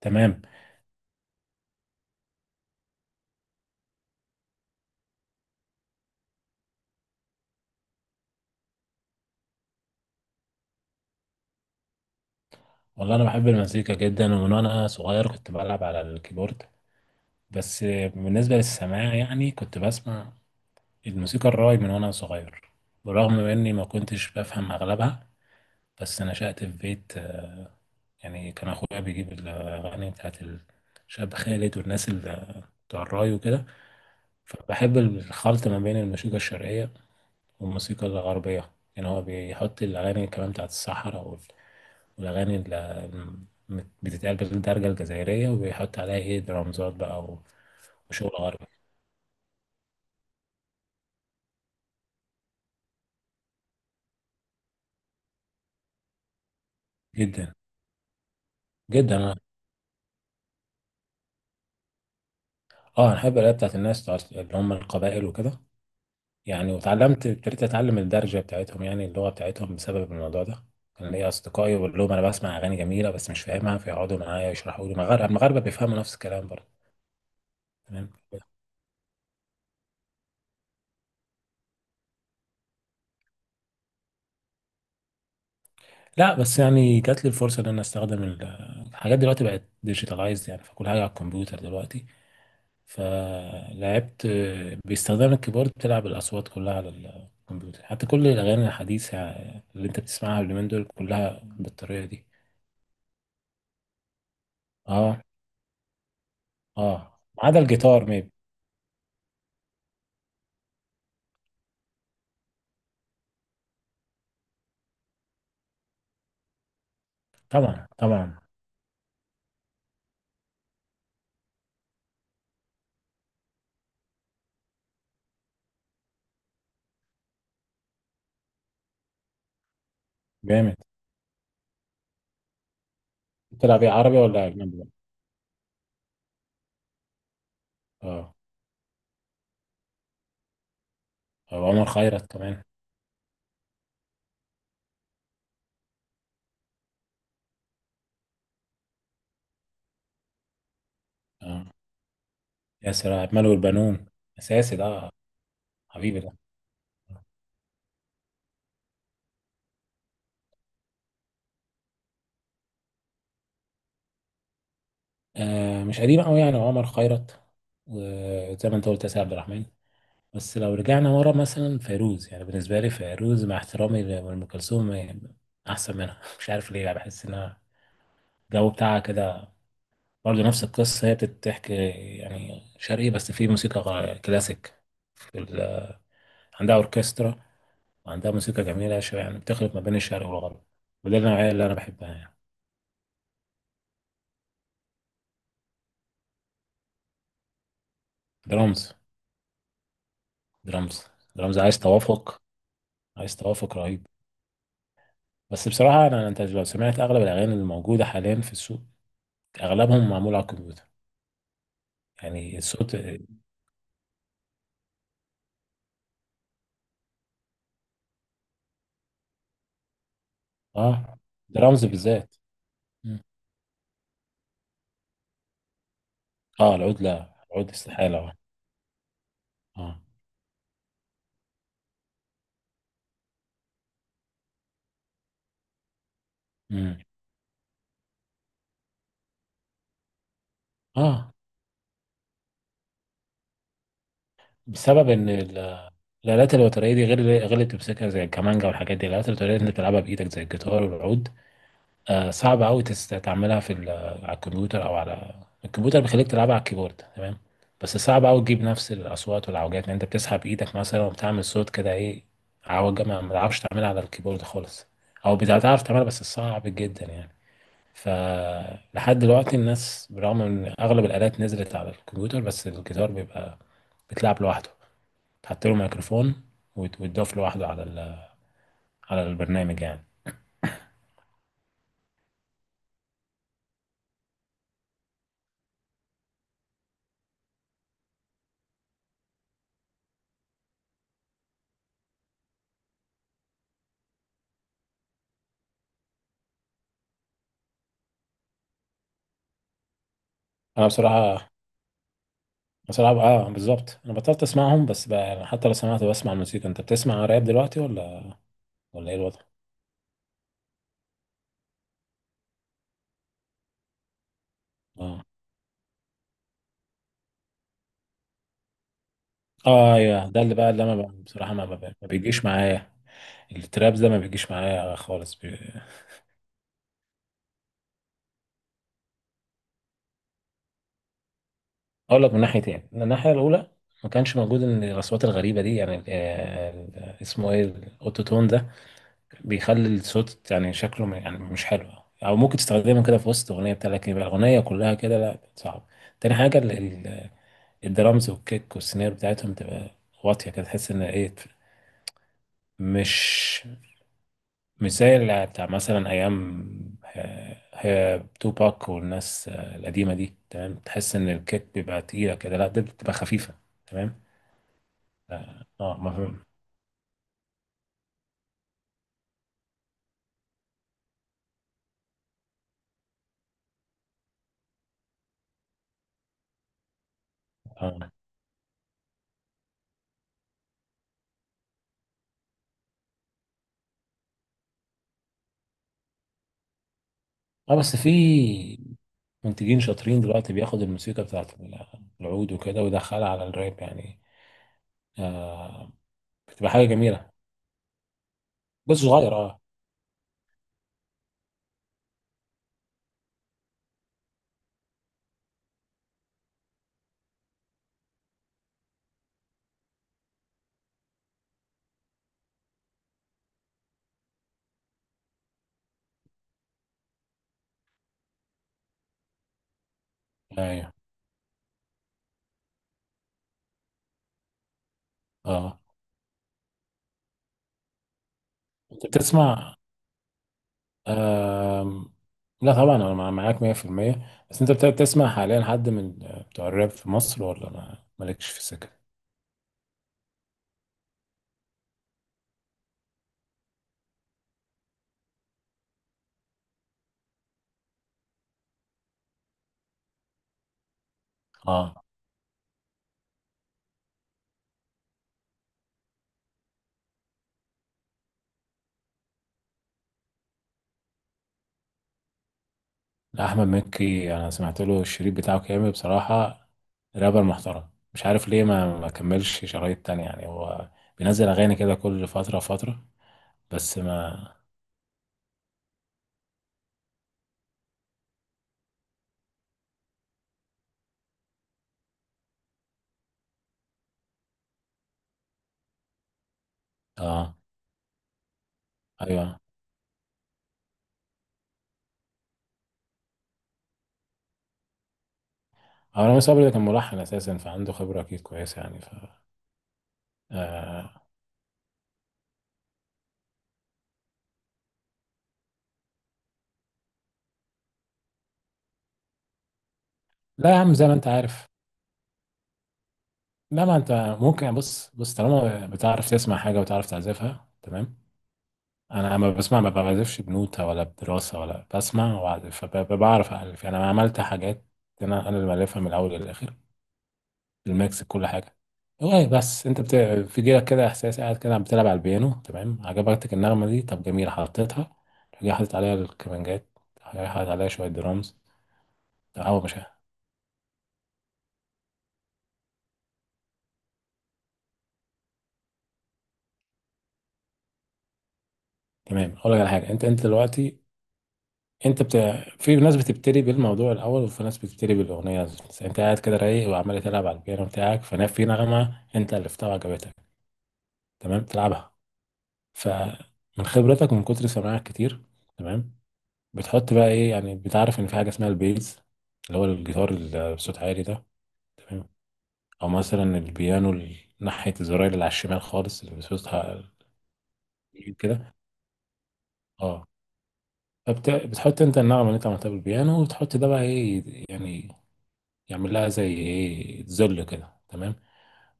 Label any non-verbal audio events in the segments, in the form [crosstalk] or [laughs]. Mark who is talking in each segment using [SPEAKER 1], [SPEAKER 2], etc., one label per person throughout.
[SPEAKER 1] تمام. والله انا بحب المزيكا جدا، ومن وانا صغير كنت بلعب على الكيبورد. بس بالنسبه للسماع يعني كنت بسمع الموسيقى الراي من وانا صغير، برغم اني ما كنتش بفهم اغلبها. بس نشأت في بيت، يعني كان اخويا بيجيب الاغاني بتاعت الشاب خالد والناس اللي بتوع الراي وكده. فبحب الخلط ما بين الموسيقى الشرقيه والموسيقى الغربية. يعني هو بيحط الأغاني كمان بتاعت الصحراء والأغاني اللي بتتقال بالدرجة الجزائرية، وبيحط عليها إيه درامزات بقى وشغل غربي. جدا جدا. أنا آه أنا بحب الأغاني بتاعت الناس بتاعت اللي هم القبائل وكده. يعني واتعلمت ابتديت أتعلم الدرجة بتاعتهم، يعني اللغة بتاعتهم بسبب الموضوع ده. كان ليا أصدقائي بقول لهم أنا بسمع أغاني جميلة بس مش فاهمها، فيقعدوا معايا يشرحوا لي. المغاربة المغاربة بيفهموا نفس الكلام برضه. تمام. لا بس يعني جات لي الفرصه ان انا استخدم الحاجات دلوقتي بقت ديجيتالايزد، يعني فكل حاجه على الكمبيوتر دلوقتي. فلعبت باستخدام الكيبورد، بتلعب الاصوات كلها على الكمبيوتر. حتى كل الاغاني الحديثه اللي انت بتسمعها اليومين دول كلها بالطريقه دي. اه. اه ما عدا الجيتار ميب. طبعا طبعا. جامد. بتلعب ايه، عربي ولا اجنبي بقى؟ اه. او عمر خيرت كمان. اه. ياسر عبد المنعم والبنون، اساسي ده. حبيبي ده. مش قديم قوي، يعني عمر خيرت وزي ما انت قلت ياسر عبد الرحمن. بس لو رجعنا ورا مثلا فيروز، يعني بالنسبه لي فيروز مع احترامي لام كلثوم يعني احسن منها [laughs] مش عارف ليه. يعني بحس انها الجو بتاعها كده. برضه نفس القصه، هي بتحكي يعني شرقي بس في موسيقى كلاسيك. في ال... عندها اوركسترا، وعندها موسيقى جميله شويه. يعني بتخلط ما بين الشرق والغرب، وده النوعيه اللي انا بحبها يعني. درامز. درامز. درامز عايز توافق. عايز توافق رهيب. بس بصراحة أنا، أنت لو سمعت أغلب الأغاني اللي موجودة حاليا في السوق، أغلبهم معمول على الكمبيوتر. يعني الصوت آه درامز بالذات. مم. آه العود، لا العود استحالة. آه. آه. مم. آه بسبب إن الآلات الوترية دي، غير غير اللي بتمسكها زي الكمانجا والحاجات دي. الآلات الوترية اللي بتلعبها بإيدك زي الجيتار والعود، صعب قوي تعملها في على الكمبيوتر. او على الكمبيوتر بيخليك تلعبها على الكيبورد تمام، بس صعب قوي تجيب نفس الاصوات والعوجات. لان انت بتسحب ايدك مثلا وبتعمل صوت كده، ايه عوجه ما بتعرفش تعملها على الكيبورد خالص، او بتعرف تعملها بس صعب جدا يعني. ف لحد دلوقتي الناس برغم ان اغلب الالات نزلت على الكمبيوتر، بس الجيتار بيبقى بتلعب لوحده. تحط له ميكروفون ويتضاف لوحده على ال... على البرنامج يعني. انا بصراحه، بصراحة اه بالظبط انا بطلت اسمعهم بس بقى يعني. حتى لو سمعت بسمع الموسيقى، انت بتسمع راب دلوقتي ولا ولا ايه الوضع؟ اه. اه ايوه ده اللي بقى اللي انا بصراحة ما بيجيش معايا. الترابز ده ما بيجيش معايا خالص بي... اقول لك من ناحيتين. من الناحية الاولى، ما كانش موجود ان الاصوات الغريبة دي، يعني اسمه ايه الاوتوتون ده بيخلي الصوت يعني شكله يعني مش حلو. او ممكن تستخدمه كده في وسط اغنية بتاع، لكن يبقى الاغنية كلها كده لا صعب. تاني حاجة، الدرامز والكيك والسيناريو بتاعتهم تبقى واطية كده، تحس ان ايه، مش مش زي اللي بتاع مثلا ايام هي توباك والناس القديمة دي. تمام تحس ان الكيك بيبقى تقيلة كده، لا ده بتبقى خفيفة. تمام. اه مفهوم. اه. اه بس في منتجين شاطرين دلوقتي بياخد الموسيقى بتاعت العود وكده ويدخلها على الراب يعني. آه. بتبقى حاجة جميلة. بس صغير اه. ايوه. اه. انت بتسمع آم، لا طبعا انا معاك 100% بس انت بتسمع حاليا حد من بتوع الراب في مصر ولا ما مالكش في السكه؟ اه. لا، احمد مكي انا سمعت له الشريط بتاعه كامل بصراحه. رابر محترم، مش عارف ليه ما كملش شرايط تانية يعني. هو بينزل اغاني كده كل فتره فتره. بس ما اه ايوه. هو رامي صبري ده كان ملحن اساسا، فعنده خبره اكيد كويسه يعني ف آه. لا يا عم زي ما انت عارف، لا ما انت ممكن يعني. بص بص طالما بتعرف تسمع حاجه وتعرف تعزفها تمام. انا لما بسمع ما بعزفش بنوتة ولا بدراسه، ولا بسمع واعزف فبعرف الف. يعني انا عملت حاجات، انا انا اللي مالفها من الاول للاخر، الميكس كل حاجه. هو بس انت بت... في جيلك كده احساس، قاعد كده بتلعب على البيانو تمام، عجبتك النغمه دي، طب جميل حطيتها. جاي حاطط عليها الكمانجات، جاي حاطط عليها شويه درامز. او مش تمام. اقول لك على حاجه. انت انت دلوقتي انت بت... في ناس بتبتدي بالموضوع الاول، وفي ناس بتبتدي بالاغنيه. بس انت قاعد كده رايق وعمال تلعب على البيانو بتاعك، فانا في نغمه انت الفتها وعجبتك تمام تلعبها. فمن خبرتك ومن كتر سماعك كتير تمام، بتحط بقى ايه. يعني بتعرف ان في حاجه اسمها البيز، اللي هو الجيتار اللي بصوت عالي ده. تمام، او مثلا البيانو ناحيه الزراير اللي على الشمال خالص اللي بصوتها كده. اه فبت... بتحط انت النغمه اللي انت عملتها بالبيانو، وتحط ده بقى ايه يعني، يعمل لها زي ايه ذل كده تمام.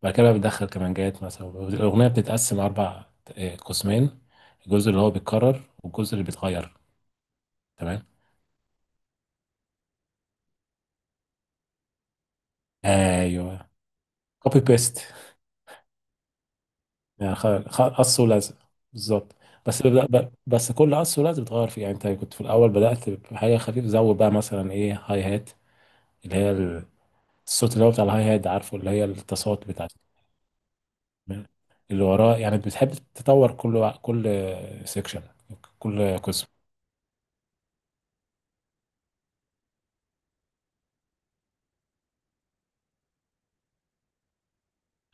[SPEAKER 1] بعد كده بيدخل كمانجات مثلا. الاغنيه بتتقسم اربع قسمين، الجزء اللي هو بيتكرر والجزء اللي بيتغير. تمام. ايوه كوبي بيست، يعني قص ولزق بالظبط. بس ب- بس كل قص ولزق بتغير فيه. يعني انت كنت في الاول بدات بحاجه خفيفه، زود بقى مثلا ايه هاي هات، اللي هي الصوت اللي هو بتاع الهاي هات، عارفه اللي هي التصوت بتاعت اللي وراه. يعني بتحب تطور كل سيكشن، كل قسم.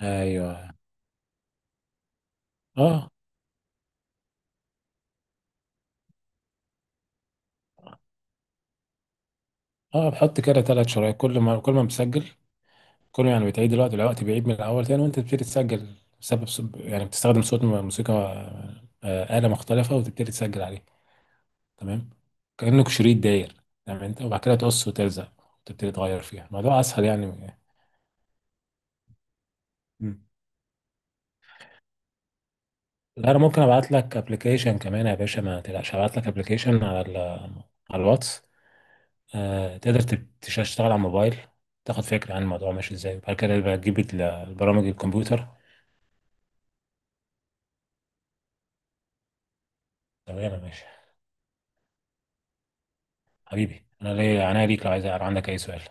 [SPEAKER 1] ايوه. اه. اه بحط كده ثلاث شرايط، كل ما بسجل، كل ما يعني بتعيد الوقت، الوقت بيعيد من الاول تاني وانت بتبتدي تسجل. بسبب سب... يعني بتستخدم صوت موسيقى آلة مختلفة وتبتدي تسجل عليه. تمام، كأنك شريط داير. تمام، انت وبعد كده تقص وتلزق، وتبتدي تغير فيها. الموضوع اسهل يعني. مم. لا انا ممكن ابعت لك ابلكيشن كمان يا باشا، ما تقلقش. هبعت لك ابلكيشن على ال... على الواتس. تقدر تشتغل على الموبايل، تاخد فكرة عن الموضوع ماشي ازاي. وبعد كده بقى تجيب البرامج الكمبيوتر. تمام يا باشا. حبيبي انا ليا عناية ليك، لو عايز لو عندك اي سؤال.